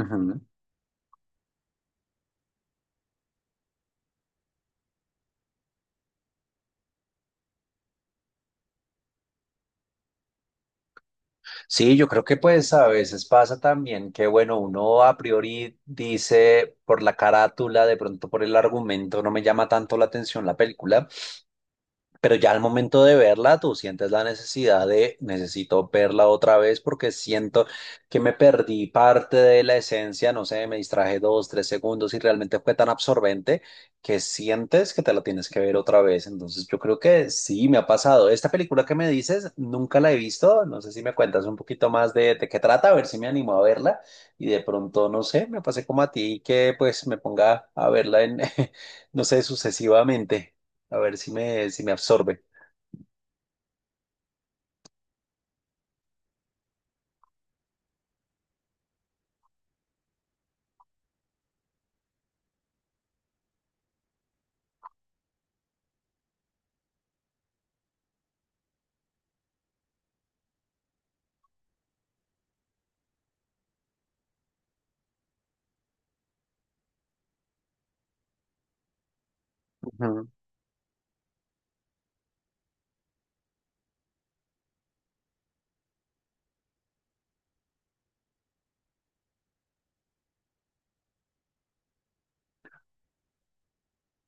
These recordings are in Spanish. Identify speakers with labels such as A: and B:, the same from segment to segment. A: Ujú. Sí, yo creo que pues a veces pasa también que, bueno, uno a priori dice por la carátula, de pronto por el argumento, no me llama tanto la atención la película, pero ya al momento de verla, tú sientes la necesidad necesito verla otra vez porque siento que me perdí parte de la esencia, no sé, me distraje dos, tres segundos y realmente fue tan absorbente que sientes que te la tienes que ver otra vez. Entonces yo creo que sí, me ha pasado. Esta película que me dices, nunca la he visto. No sé si me cuentas un poquito más de qué trata, a ver si me animo a verla. Y de pronto, no sé, me pasé como a ti que pues me ponga a verla en, no sé, sucesivamente. A ver si me, absorbe. Ujú.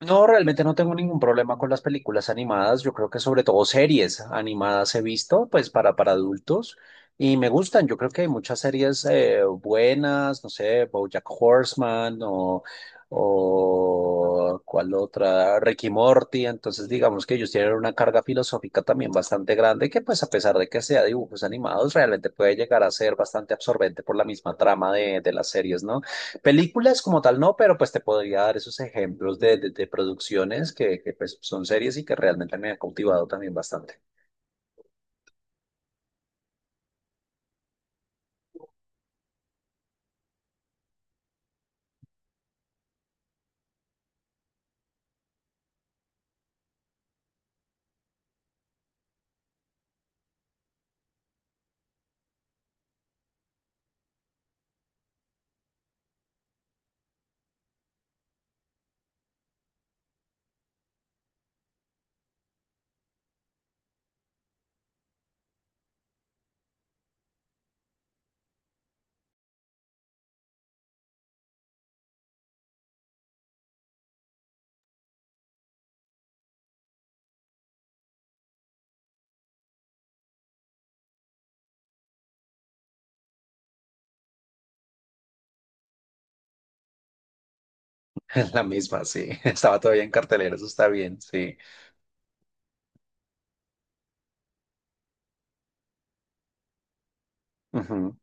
A: No, realmente no tengo ningún problema con las películas animadas. Yo creo que sobre todo series animadas he visto, pues para, adultos y me gustan. Yo creo que hay muchas series buenas, no sé, BoJack Horseman o cuál otra, Ricky Morty. Entonces, digamos que ellos tienen una carga filosófica también bastante grande que, pues a pesar de que sea dibujos animados, realmente puede llegar a ser bastante absorbente por la misma trama de las series, ¿no? Películas como tal no, pero pues te podría dar esos ejemplos de, de producciones que, pues son series y que realmente me han cautivado también bastante. La misma, sí. Estaba todavía en cartelera, eso está bien, sí. Ujú.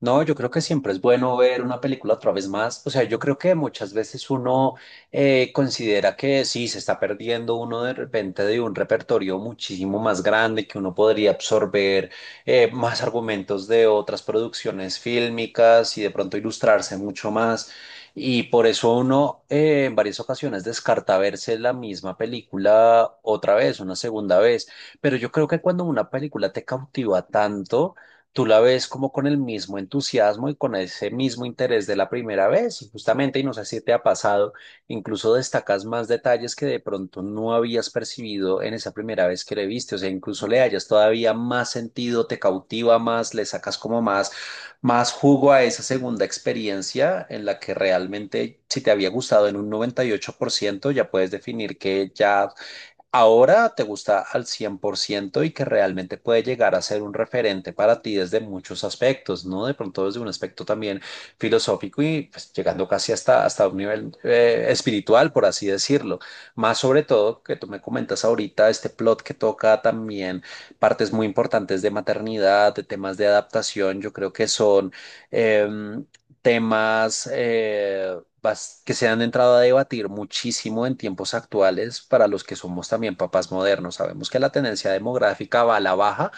A: No, yo creo que siempre es bueno ver una película otra vez más. O sea, yo creo que muchas veces uno considera que sí, se está perdiendo uno de repente de un repertorio muchísimo más grande, que uno podría absorber más argumentos de otras producciones fílmicas y de pronto ilustrarse mucho más. Y por eso uno en varias ocasiones descarta verse la misma película otra vez, una segunda vez. Pero yo creo que cuando una película te cautiva tanto, tú la ves como con el mismo entusiasmo y con ese mismo interés de la primera vez, y justamente, y no sé si te ha pasado, incluso destacas más detalles que de pronto no habías percibido en esa primera vez que le viste, o sea, incluso le hayas todavía más sentido, te cautiva más, le sacas como más, más jugo a esa segunda experiencia en la que realmente, si te había gustado en un 98%, ya puedes definir que ya ahora te gusta al 100% y que realmente puede llegar a ser un referente para ti desde muchos aspectos, ¿no? De pronto desde un aspecto también filosófico y pues, llegando casi hasta un nivel espiritual, por así decirlo. Más sobre todo que tú me comentas ahorita, este plot que toca también partes muy importantes de maternidad, de temas de adaptación, yo creo que son em, temas que se han entrado a debatir muchísimo en tiempos actuales para los que somos también papás modernos. Sabemos que la tendencia demográfica va a la baja,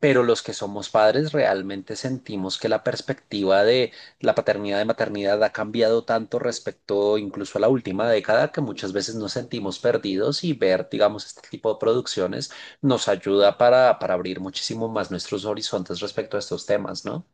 A: pero los que somos padres realmente sentimos que la perspectiva de la paternidad y maternidad ha cambiado tanto respecto incluso a la última década que muchas veces nos sentimos perdidos y ver, digamos, este tipo de producciones nos ayuda para, abrir muchísimo más nuestros horizontes respecto a estos temas, ¿no?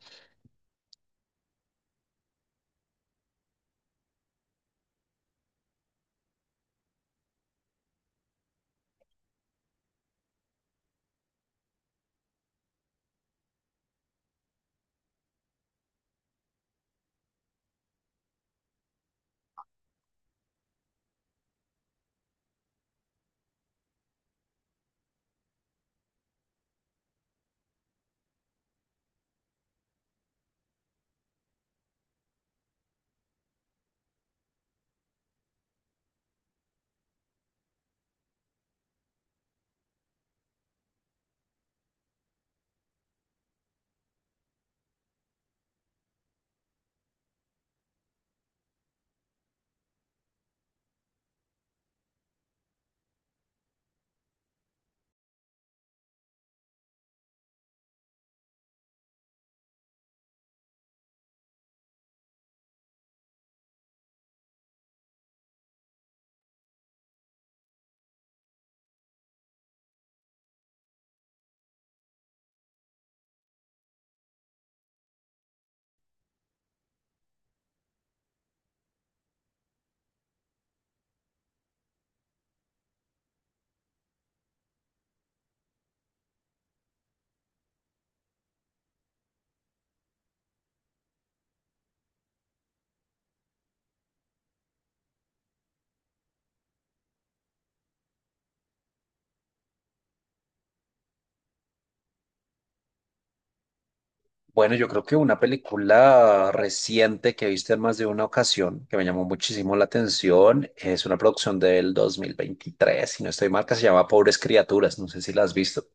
A: Bueno, yo creo que una película reciente que he visto en más de una ocasión, que me llamó muchísimo la atención, es una producción del 2023, si no estoy mal, que se llama Pobres Criaturas, no sé si la has visto.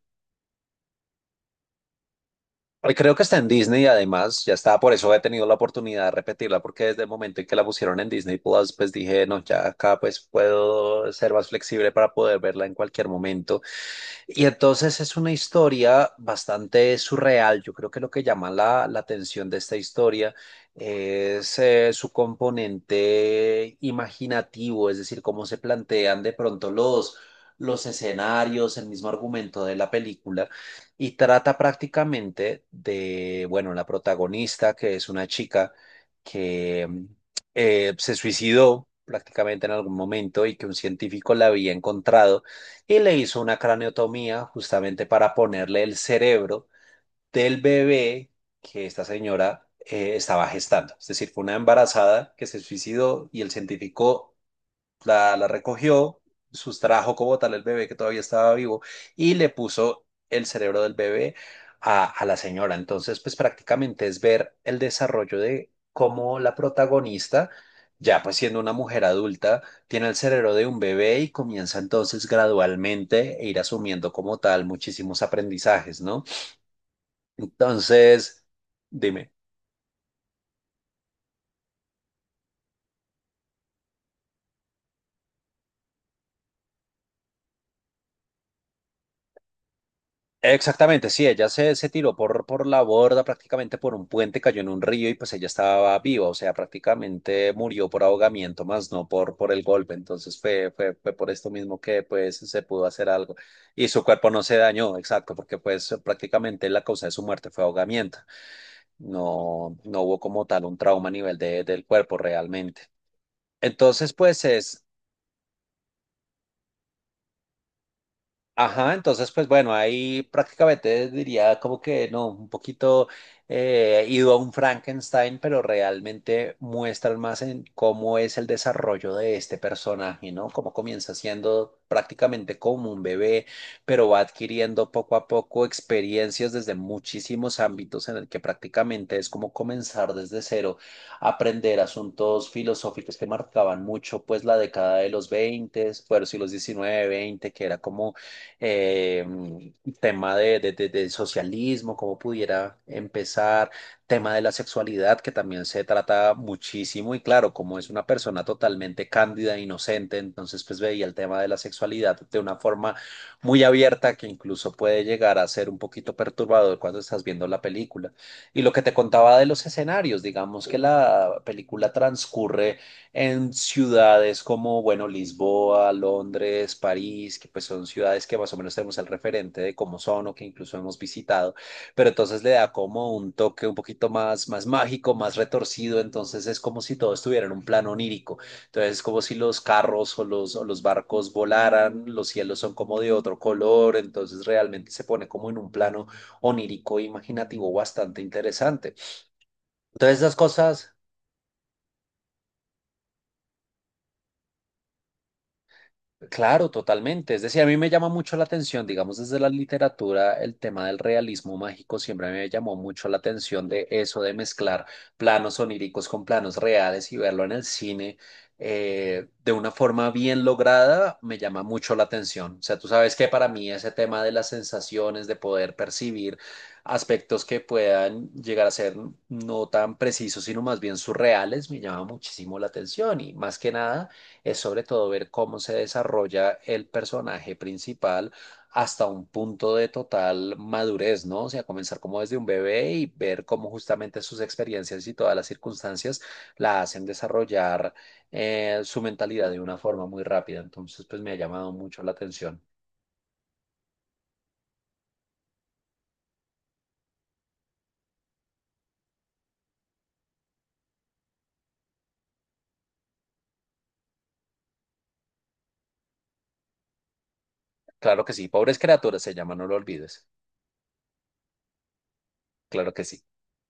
A: Creo que está en Disney, además, ya estaba, por eso he tenido la oportunidad de repetirla, porque desde el momento en que la pusieron en Disney Plus, pues dije, no, ya acá pues puedo ser más flexible para poder verla en cualquier momento. Y entonces es una historia bastante surreal. Yo creo que lo que llama la atención de esta historia es su componente imaginativo, es decir, cómo se plantean de pronto los, escenarios, el mismo argumento de la película, y trata prácticamente de, bueno, la protagonista, que es una chica que se suicidó prácticamente en algún momento y que un científico la había encontrado y le hizo una craneotomía justamente para ponerle el cerebro del bebé que esta señora estaba gestando. Es decir, fue una embarazada que se suicidó y el científico la, recogió, sustrajo como tal el bebé que todavía estaba vivo y le puso el cerebro del bebé a la señora. Entonces, pues prácticamente es ver el desarrollo de cómo la protagonista, ya pues siendo una mujer adulta, tiene el cerebro de un bebé y comienza entonces gradualmente a ir asumiendo como tal muchísimos aprendizajes, ¿no? Entonces, dime. Exactamente, sí, ella se, tiró por la borda, prácticamente por un puente, cayó en un río y pues ella estaba viva, o sea, prácticamente murió por ahogamiento, más no por, el golpe, entonces fue por esto mismo que pues se pudo hacer algo y su cuerpo no se dañó, exacto, porque pues prácticamente la causa de su muerte fue ahogamiento, no hubo como tal un trauma a nivel del cuerpo realmente. Entonces, pues es, ajá, entonces pues bueno, ahí prácticamente diría como que no, un poquito ido a un Frankenstein, pero realmente muestran más en cómo es el desarrollo de este personaje, ¿no? Cómo comienza siendo prácticamente como un bebé, pero va adquiriendo poco a poco experiencias desde muchísimos ámbitos en el que prácticamente es como comenzar desde cero, aprender asuntos filosóficos que marcaban mucho pues la década de los 20, bueno, sí, los 19, 20, que era como eh, tema de, del socialismo, cómo pudiera empezar, tema de la sexualidad, que también se trata muchísimo y claro, como es una persona totalmente cándida e inocente, entonces pues veía el tema de la sexualidad de una forma muy abierta que incluso puede llegar a ser un poquito perturbador cuando estás viendo la película. Y lo que te contaba de los escenarios, digamos que la película transcurre en ciudades como, bueno, Lisboa, Londres, París, que pues son ciudades que más o menos tenemos el referente de cómo son o que incluso hemos visitado, pero entonces le da como un toque un poquito más, más mágico, más retorcido, entonces es como si todo estuviera en un plano onírico, entonces es como si los carros o los barcos volaran, los cielos son como de otro color, entonces realmente se pone como en un plano onírico, e imaginativo, bastante interesante. Entonces esas cosas... Claro, totalmente. Es decir, a mí me llama mucho la atención, digamos, desde la literatura, el tema del realismo mágico siempre me llamó mucho la atención de eso, de mezclar planos oníricos con planos reales y verlo en el cine de una forma bien lograda, me llama mucho la atención. O sea, tú sabes que para mí ese tema de las sensaciones, de poder percibir aspectos que puedan llegar a ser no tan precisos, sino más bien surreales, me llama muchísimo la atención y más que nada es sobre todo ver cómo se desarrolla el personaje principal hasta un punto de total madurez, ¿no? O sea, comenzar como desde un bebé y ver cómo justamente sus experiencias y todas las circunstancias la hacen desarrollar su mentalidad de una forma muy rápida. Entonces, pues me ha llamado mucho la atención. Claro que sí, Pobres Criaturas se llama, no lo olvides. Claro que sí.